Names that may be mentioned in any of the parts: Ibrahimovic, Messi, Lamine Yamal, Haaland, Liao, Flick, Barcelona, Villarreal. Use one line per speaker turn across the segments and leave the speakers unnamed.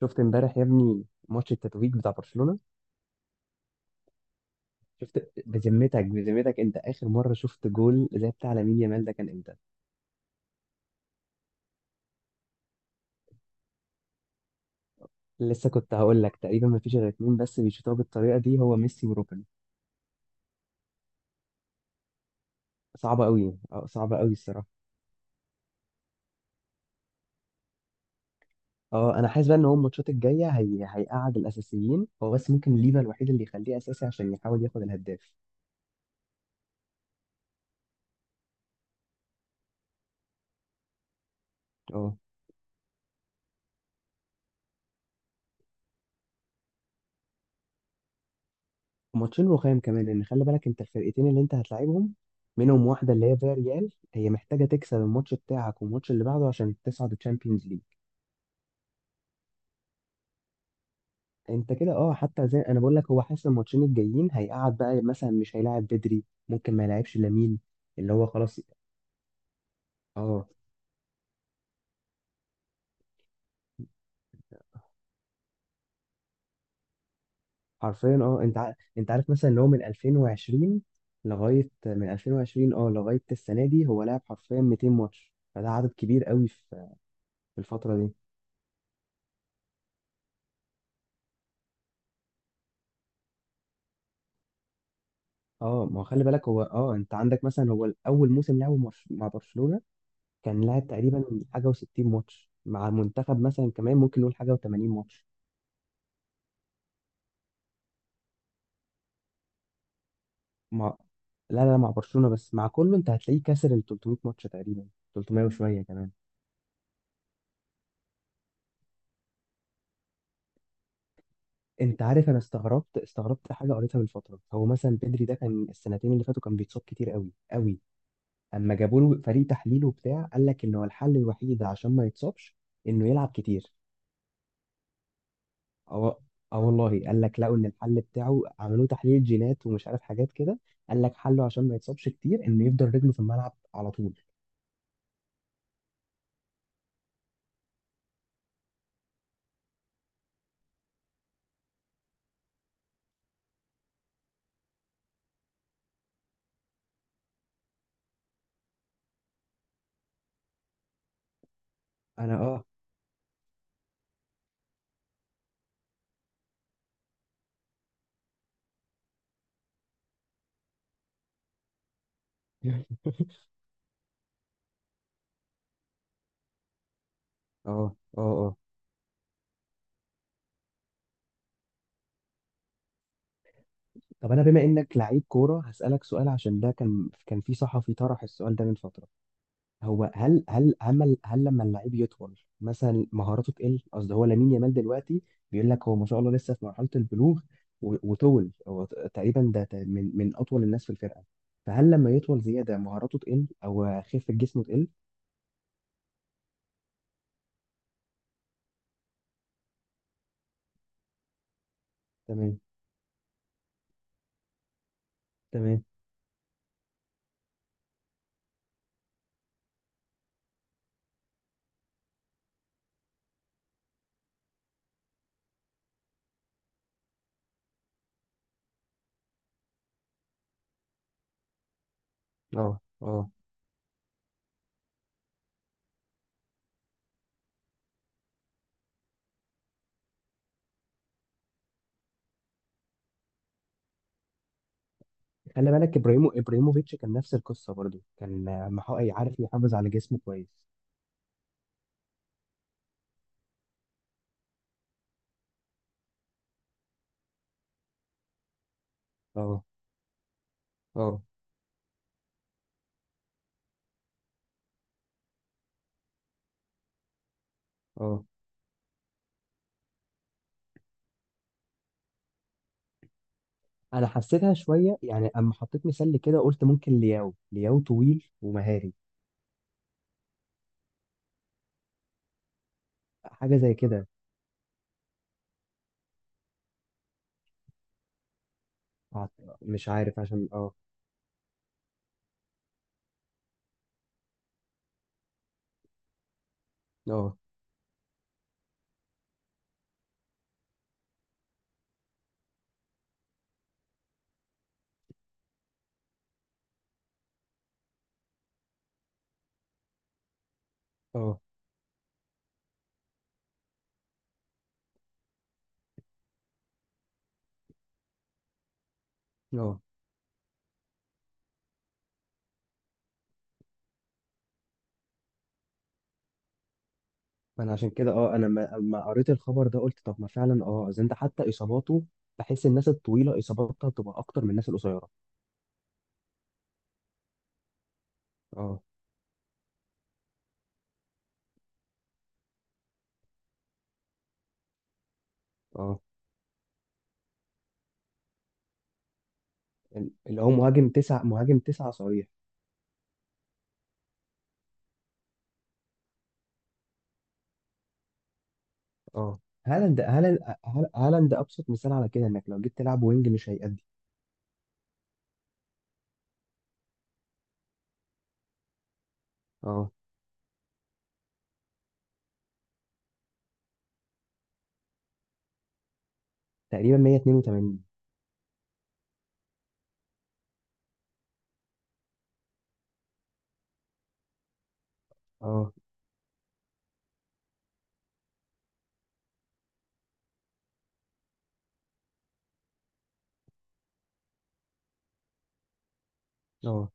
شفت امبارح يا ابني ماتش التتويج بتاع برشلونة. شفت بذمتك بذمتك، انت اخر مرة شفت جول زي بتاع لامين يامال ده كان امتى؟ لسه كنت هقول لك، تقريبا ما فيش غير اتنين بس بيشوطوها بالطريقة دي، هو ميسي وروبن. صعبة قوي، صعبة قوي الصراحة. اه انا حاسس بقى ان هو الماتشات الجاية هيقعد الاساسيين، هو بس ممكن ليفا الوحيد اللي يخليه اساسي عشان يحاول ياخد الهداف. اه، ماتشين رخام كمان، لان خلي بالك انت الفرقتين اللي انت هتلاعبهم منهم واحدة اللي هي فياريال، هي محتاجة تكسب الماتش بتاعك والماتش اللي بعده عشان تصعد الشامبيونز ليج. انت كده، اه. حتى زي انا بقول لك، هو حاسس الماتشين الجايين هيقعد بقى، مثلا مش هيلاعب بدري، ممكن ما يلاعبش لامين. اللي هو خلاص. اه. حرفيا، اه، انت عارف مثلا ان هو من 2020، لغايه من 2020 اه لغايه السنه دي هو لعب حرفيا 200 ماتش، فده عدد كبير قوي في الفتره دي. اه، ما هو خلي بالك هو، اه، انت عندك مثلا هو اول موسم لعبه مع برشلونه، كان لعب تقريبا حاجه و60 ماتش، مع منتخب مثلا كمان ممكن نقول حاجه و80 ماتش. مع لا لا، مع برشلونة بس، مع كله انت هتلاقيه كسر ال 300 ماتش تقريبا، 300 وشوية كمان. انت عارف، انا استغربت استغربت حاجة قريتها من فترة. هو مثلا بدري ده كان السنتين اللي فاتوا كان بيتصاب كتير قوي قوي، اما جابوا له فريق تحليل وبتاع قال لك ان هو الحل الوحيد عشان ما يتصابش انه يلعب كتير. اه. اه والله، قال لك لقوا ان الحل بتاعه، عملوه تحليل جينات ومش عارف حاجات كده، قال لك حله عشان ما يتصابش كتير انه يفضل رجله في الملعب على طول. انا اه اه طب انا بما انك لعيب كوره هسالك سؤال، عشان ده كان في صحفي طرح السؤال ده من فتره. هو هل لما اللعيب يطول مثلا مهاراته تقل؟ قصدي هو لامين يامال دلوقتي بيقول لك هو ما شاء الله لسه في مرحله البلوغ، وطول هو تقريبا ده من اطول الناس في الفرقه، فهل لما يطول زياده مهاراته تقل او خفه جسمه تقل؟ تمام. تمام. اه. اه، خلي بالك ابراهيموفيتش كان نفس القصه، برضو كان آه، عارف يحافظ على جسمه كويس. اه. اه، اه انا حسيتها شويه يعني، اما حطيت مثال كده قلت ممكن لياو، طويل ومهاري حاجه زي كده. مش عارف عشان اه اه اه فانا عشان كده، اه، انا اما قريت الخبر ده قلت، طب ما فعلا، اه، اذا انت حتى اصاباته، بحس الناس الطويله اصاباتها بتبقى اكتر من الناس القصيره. اه. اه، اللي هو مهاجم تسعه، مهاجم تسعه صريح. اه، هالاند، هالاند ابسط مثال على كده، انك لو جيت تلعب وينج مش هيأدي. اه، تقريبا 182. اه اه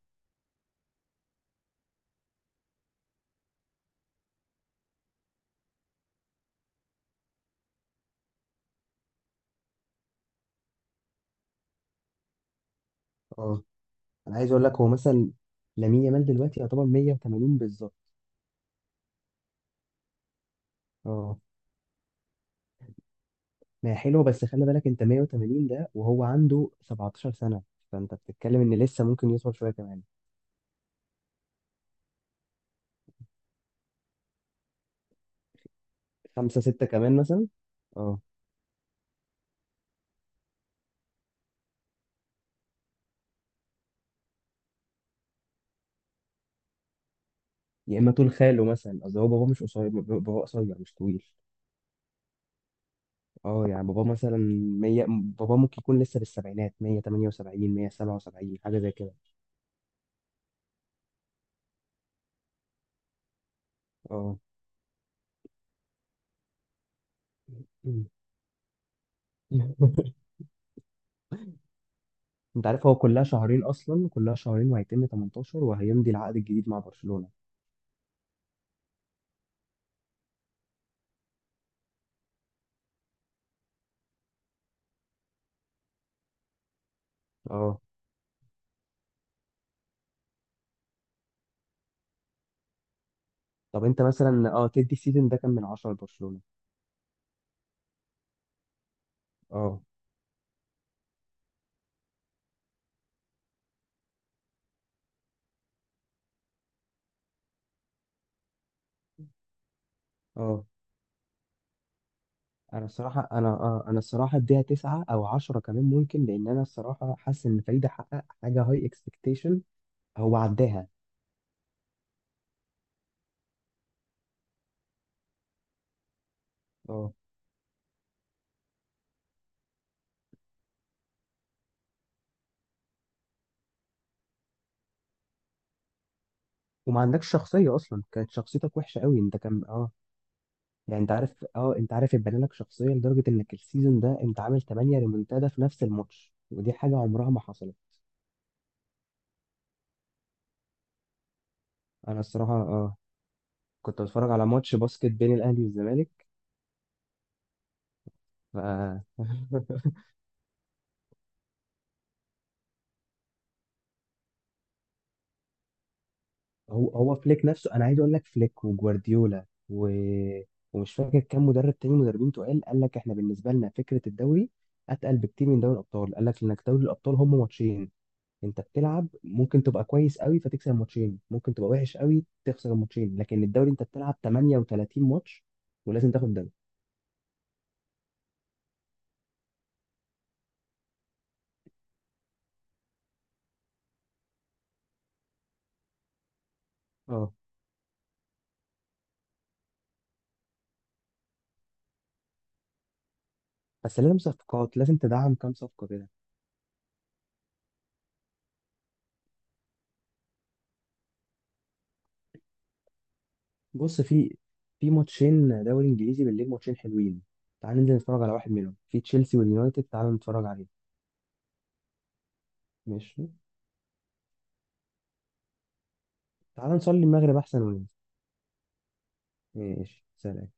اه، انا عايز اقول لك، هو مثلا لامين يامال دلوقتي يعتبر 180 بالظبط. اه، ما هي حلوه بس خلي بالك انت 180 ده وهو عنده 17 سنه، فانت بتتكلم ان لسه ممكن يوصل شويه كمان. خمسة ستة كمان مثلا. اه، يا اما طول خاله مثلا، قصدي هو بابا مش قصير، بابا قصير مش طويل. اه، يعني بابا مثلا 100، بابا ممكن يكون لسه في السبعينات، 178 177 حاجه زي كده. اه. انت عارف هو كلها شهرين، اصلا كلها شهرين وهيتم 18 وهيمضي العقد الجديد مع برشلونه. اه. طب انت مثلا، اه، تدي السيزون ده كام من عشرة لبرشلونة؟ اه. اه، انا الصراحة، انا الصراحة اديها تسعة او عشرة كمان ممكن، لان انا الصراحة حاسس ان فريد حقق حاجة هاي اكسبكتيشن، هو عداها. اه، وما عندكش شخصية، اصلا كانت شخصيتك وحشة قوي، انت كان اه. يعني انت عارف، اه، انت عارف اتبنى لك شخصية لدرجة انك السيزون ده انت عامل 8 ريمونتادا في نفس الماتش، ودي حاجة عمرها ما حصلت. انا الصراحة اه، كنت بتفرج على ماتش باسكت بين الاهلي والزمالك. ف هو فليك نفسه، انا عايز اقول لك فليك وجوارديولا ومش فاكر كام مدرب تاني، مدربين تقال، قال لك احنا بالنسبه لنا فكره الدوري اتقل بكتير من دوري الابطال، قال لك انك دوري الابطال هم ماتشين، انت بتلعب ممكن تبقى كويس قوي فتكسب الماتشين، ممكن تبقى وحش قوي تخسر الماتشين، لكن الدوري انت بتلعب 38 ماتش ولازم تاخد الدوري. اه. بس لازم صفقات، لازم تدعم كام صفقه كده. بص، في ماتشين دوري انجليزي بالليل، ماتشين حلوين، تعال ننزل نتفرج على واحد منهم، في تشيلسي واليونايتد، تعال نتفرج عليه. ماشي، تعال نصلي المغرب احسن وننزل. ماشي، سلام.